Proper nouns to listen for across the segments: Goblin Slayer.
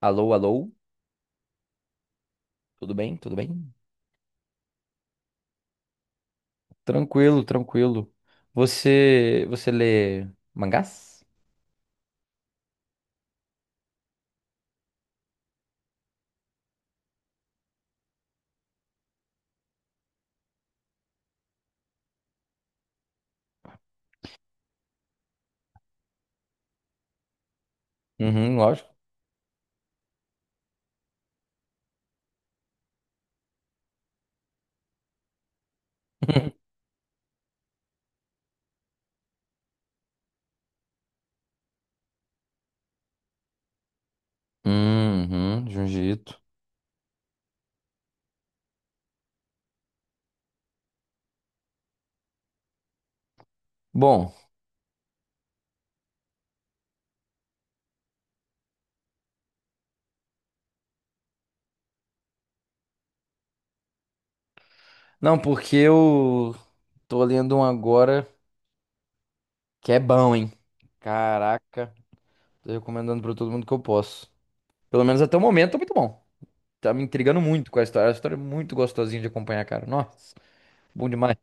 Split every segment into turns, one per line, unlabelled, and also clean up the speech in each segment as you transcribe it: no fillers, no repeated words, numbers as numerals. Alô, alô, tudo bem? Tudo bem? Tranquilo, tranquilo. Você lê mangás? Uhum, lógico. Uhum, Jiu-Jitsu. Bom, não, porque eu tô lendo um agora que é bom, hein? Caraca, tô recomendando pra todo mundo que eu posso. Pelo menos até o momento, tá muito bom. Tá me intrigando muito com a história. A história é muito gostosinha de acompanhar, cara. Nossa, bom demais.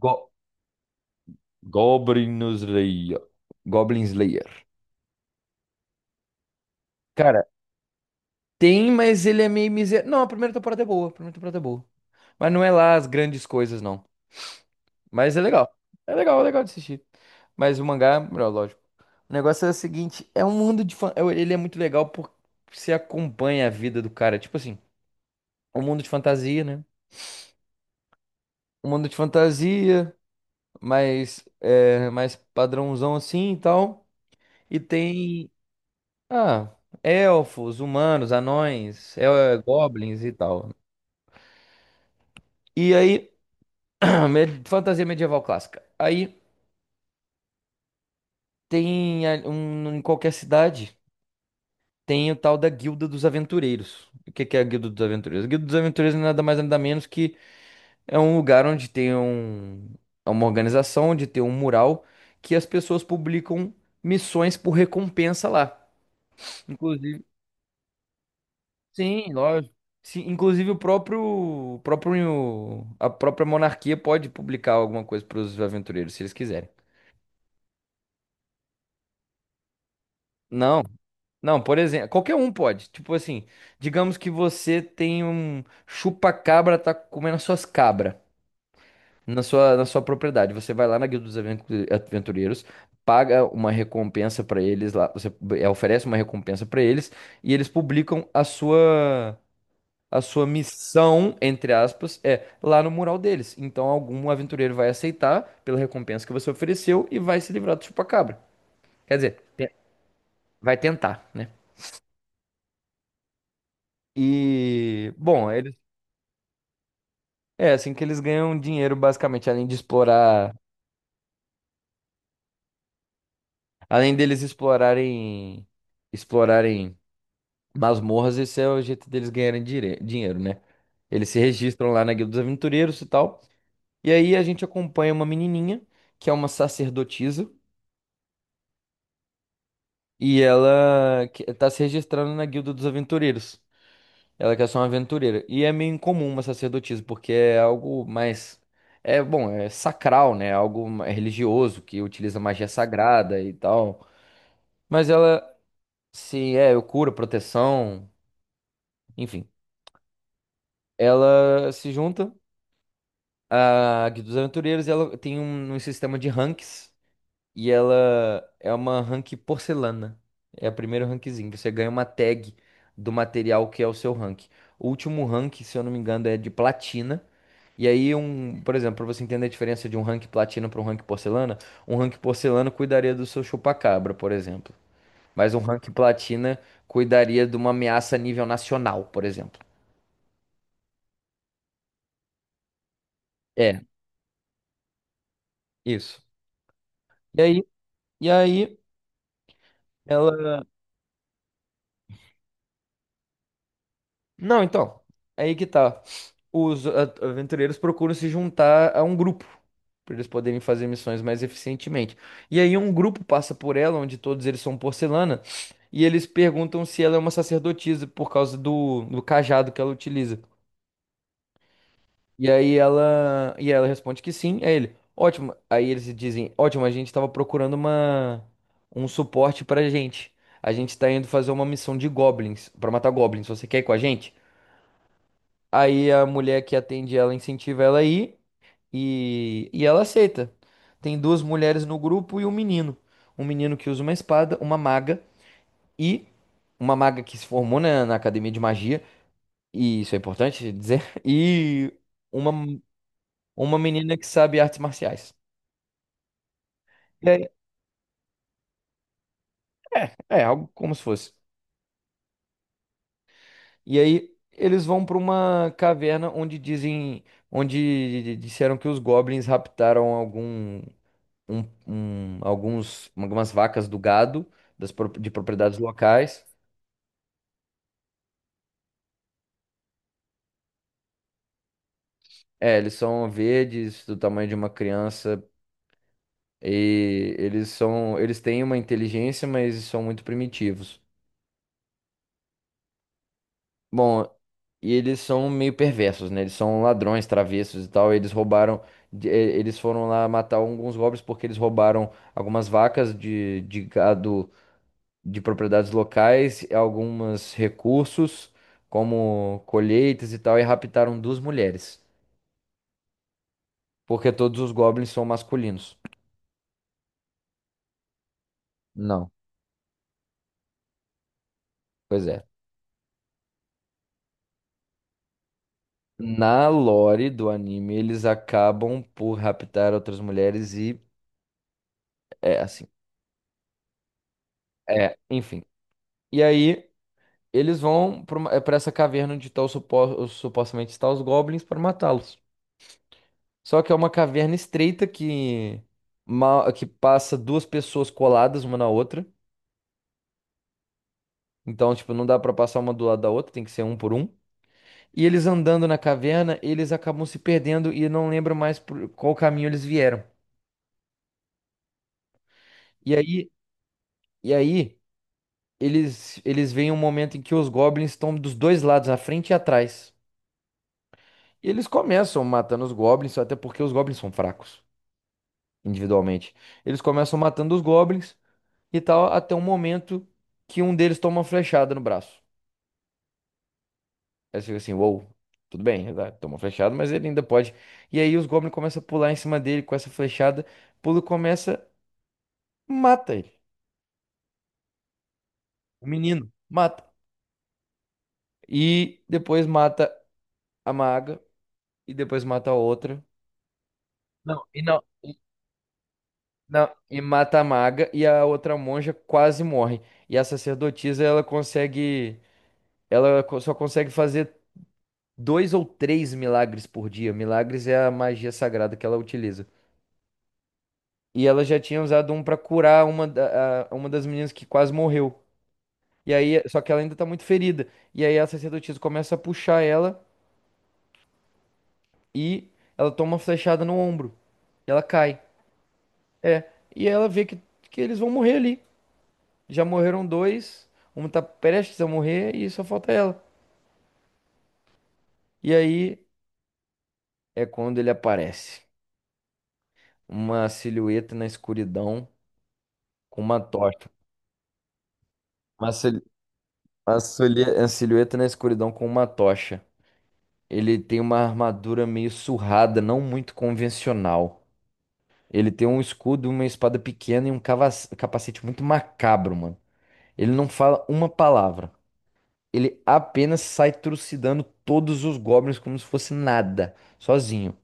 Go Goblin Slayer. Goblin Slayer. Cara, tem, mas ele é meio miserável. Não, a primeira temporada é boa, a primeira temporada é boa. Mas não é lá as grandes coisas, não. Mas é legal. É legal, é legal de assistir. Mas o mangá é melhor, lógico. O negócio é o seguinte, é um mundo de Ele é muito legal porque você acompanha a vida do cara. Tipo assim, um mundo de fantasia, né? Um mundo de fantasia, mais padrãozão assim e tal. E tem. Ah, elfos, humanos, anões, goblins e tal. E aí. Fantasia medieval clássica. Aí tem em qualquer cidade tem o tal da Guilda dos Aventureiros. O que que é a Guilda dos Aventureiros? A Guilda dos Aventureiros é nada mais nada menos que é um lugar onde tem é uma organização, onde tem um mural que as pessoas publicam missões por recompensa lá. Inclusive, sim, lógico. Sim, inclusive a própria monarquia pode publicar alguma coisa para os aventureiros, se eles quiserem. Não. Não, por exemplo, qualquer um pode. Tipo assim, digamos que você tem um chupa-cabra, tá comendo as suas cabras na sua propriedade. Você vai lá na Guilda dos Aventureiros, paga uma recompensa pra eles lá, oferece uma recompensa pra eles e eles publicam a sua missão, entre aspas, é lá no mural deles. Então algum aventureiro vai aceitar pela recompensa que você ofereceu e vai se livrar do chupa-cabra. Quer dizer, vai tentar, né? E, bom, eles é assim que eles ganham dinheiro, basicamente, além de explorar, além deles explorarem masmorras, esse é o jeito deles ganharem dinheiro, né? Eles se registram lá na Guilda dos Aventureiros e tal. E aí a gente acompanha uma menininha, que é uma sacerdotisa, e ela tá se registrando na Guilda dos Aventureiros. Ela quer ser uma aventureira. E é meio incomum uma sacerdotisa, porque é algo mais. É, bom, é sacral, né? É algo religioso, que utiliza magia sagrada e tal. Mas ela se eu curo, proteção, enfim. Ela se junta à Guilda dos Aventureiros e ela tem um sistema de ranks. E ela é uma rank porcelana. É o primeiro rankzinho. Você ganha uma tag do material que é o seu rank. O último rank, se eu não me engano, é de platina. E aí, por exemplo, para você entender a diferença de um rank platina para um rank porcelana cuidaria do seu chupacabra, por exemplo. Mas um ranking platina cuidaria de uma ameaça a nível nacional, por exemplo. É, isso. E aí, e aí ela. Não, então. Aí que tá. Os aventureiros procuram se juntar a um grupo para eles poderem fazer missões mais eficientemente. E aí um grupo passa por ela, onde todos eles são porcelana, e eles perguntam se ela é uma sacerdotisa por causa do cajado que ela utiliza. E aí ela responde que sim, é ele. Ótimo. Aí eles dizem, ótimo, a gente estava procurando uma um suporte pra gente. A gente está indo fazer uma missão de goblins, pra matar goblins. Você quer ir com a gente? Aí a mulher que atende ela incentiva ela a ir e ela aceita. Tem duas mulheres no grupo e um menino. Um menino que usa uma espada, e uma maga que se formou na academia de magia, e isso é importante dizer, e uma Uma menina que sabe artes marciais. E aí, algo como se fosse. E aí eles vão para uma caverna onde disseram que os goblins raptaram algumas vacas do gado, de propriedades locais. É, eles são verdes, do tamanho de uma criança, e eles têm uma inteligência, mas são muito primitivos. Bom, e eles são meio perversos, né? Eles são ladrões, travessos e tal. Eles roubaram. Eles foram lá matar alguns goblins porque eles roubaram algumas vacas de gado de propriedades locais, alguns recursos, como colheitas e tal, e raptaram duas mulheres. Porque todos os goblins são masculinos. Não, pois é. Na lore do anime, eles acabam por raptar outras mulheres e é assim. É, enfim. E aí. Eles vão para essa caverna onde tá o supostamente estão os goblins para matá-los. Só que é uma caverna estreita que passa duas pessoas coladas uma na outra. Então, tipo, não dá para passar uma do lado da outra, tem que ser um por um. E eles andando na caverna, eles acabam se perdendo e não lembram mais por qual caminho eles vieram. E aí, e aí eles veem um momento em que os goblins estão dos dois lados, à frente e atrás. E eles começam matando os goblins, até porque os goblins são fracos, individualmente. Eles começam matando os goblins e tal, até um momento que um deles toma uma flechada no braço. Aí você fica assim, uou, tudo bem, ele toma uma flechada, mas ele ainda pode. E aí os goblins começam a pular em cima dele com essa flechada, pula e começa, mata ele. O menino, mata. E depois mata a maga, e depois mata a outra. Não, e não. Não, e mata a maga e a outra monja quase morre. E a sacerdotisa, ela consegue ela co- só consegue fazer dois ou três milagres por dia. Milagres é a magia sagrada que ela utiliza. E ela já tinha usado um pra curar uma das meninas que quase morreu. E aí, só que ela ainda tá muito ferida. E aí a sacerdotisa começa a puxar ela e ela toma uma flechada no ombro. E ela cai. É. E ela vê que eles vão morrer ali. Já morreram dois, um tá prestes a morrer e só falta ela. E aí é quando ele aparece. Uma silhueta na escuridão com uma tocha. Uma, sil- A a silhueta na escuridão com uma tocha. Ele tem uma armadura meio surrada, não muito convencional. Ele tem um escudo, uma espada pequena e um capacete muito macabro, mano. Ele não fala uma palavra. Ele apenas sai trucidando todos os goblins como se fosse nada, sozinho.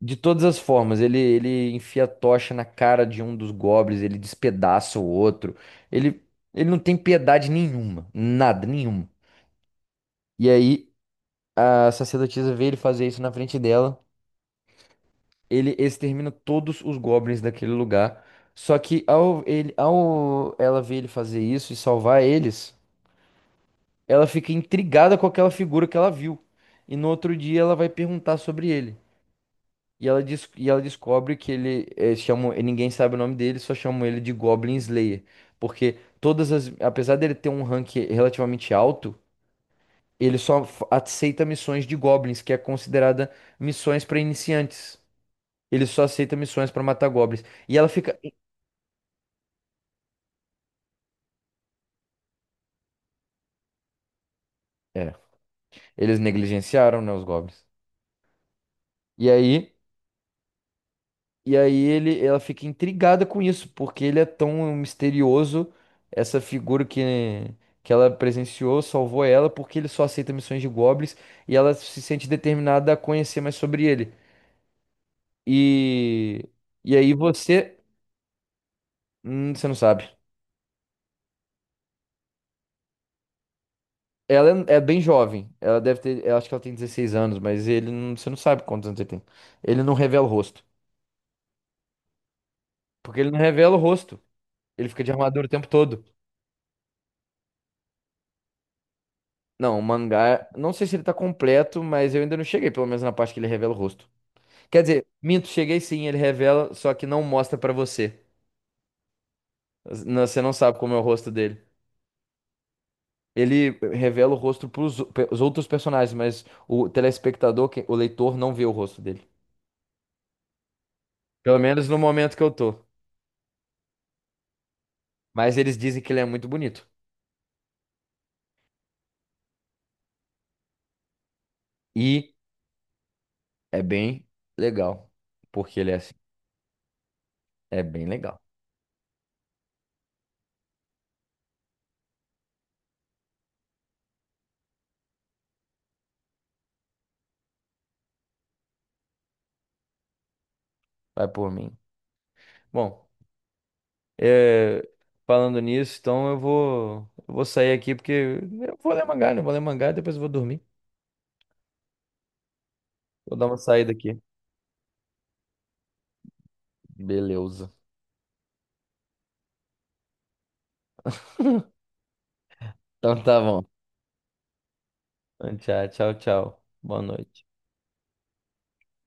De todas as formas, ele enfia a tocha na cara de um dos goblins, ele despedaça o outro. Ele, ele não tem piedade nenhuma, nada, nenhuma. E aí, a sacerdotisa vê ele fazer isso na frente dela. Ele extermina todos os goblins daquele lugar. Só que ao, ao ela ver ele fazer isso e salvar eles, ela fica intrigada com aquela figura que ela viu. E no outro dia ela vai perguntar sobre ele. E ela descobre que ele é, chamam, e ninguém sabe o nome dele, só chamam ele de Goblin Slayer. Porque todas as. Apesar dele ter um rank relativamente alto, ele só aceita missões de goblins, que é considerada missões para iniciantes. Ele só aceita missões pra matar goblins. E ela fica. É, eles negligenciaram, né, os goblins. E aí, e aí ela fica intrigada com isso, porque ele é tão misterioso, essa figura que ela presenciou, salvou ela, porque ele só aceita missões de goblins e ela se sente determinada a conhecer mais sobre ele. E, e aí você. Você não sabe. Ela é bem jovem. Ela deve ter. Eu acho que ela tem 16 anos, mas ele não, você não sabe quantos anos ele tem. Ele não revela o rosto. Porque ele não revela o rosto. Ele fica de armadura o tempo todo. Não, o mangá, não sei se ele tá completo, mas eu ainda não cheguei, pelo menos na parte que ele revela o rosto. Quer dizer, minto, cheguei sim, ele revela, só que não mostra pra você. Você não sabe como é o rosto dele. Ele revela o rosto pros os outros personagens, mas o telespectador, o leitor, não vê o rosto dele. Pelo menos no momento que eu tô. Mas eles dizem que ele é muito bonito. E é bem legal. Porque ele é assim. É bem legal. Vai por mim. Bom. É, falando nisso, então eu vou sair aqui porque eu vou ler mangá, né? Eu vou ler mangá e depois eu vou dormir. Vou dar uma saída aqui. Beleza. Então tá bom. Tchau, tchau, tchau. Boa noite.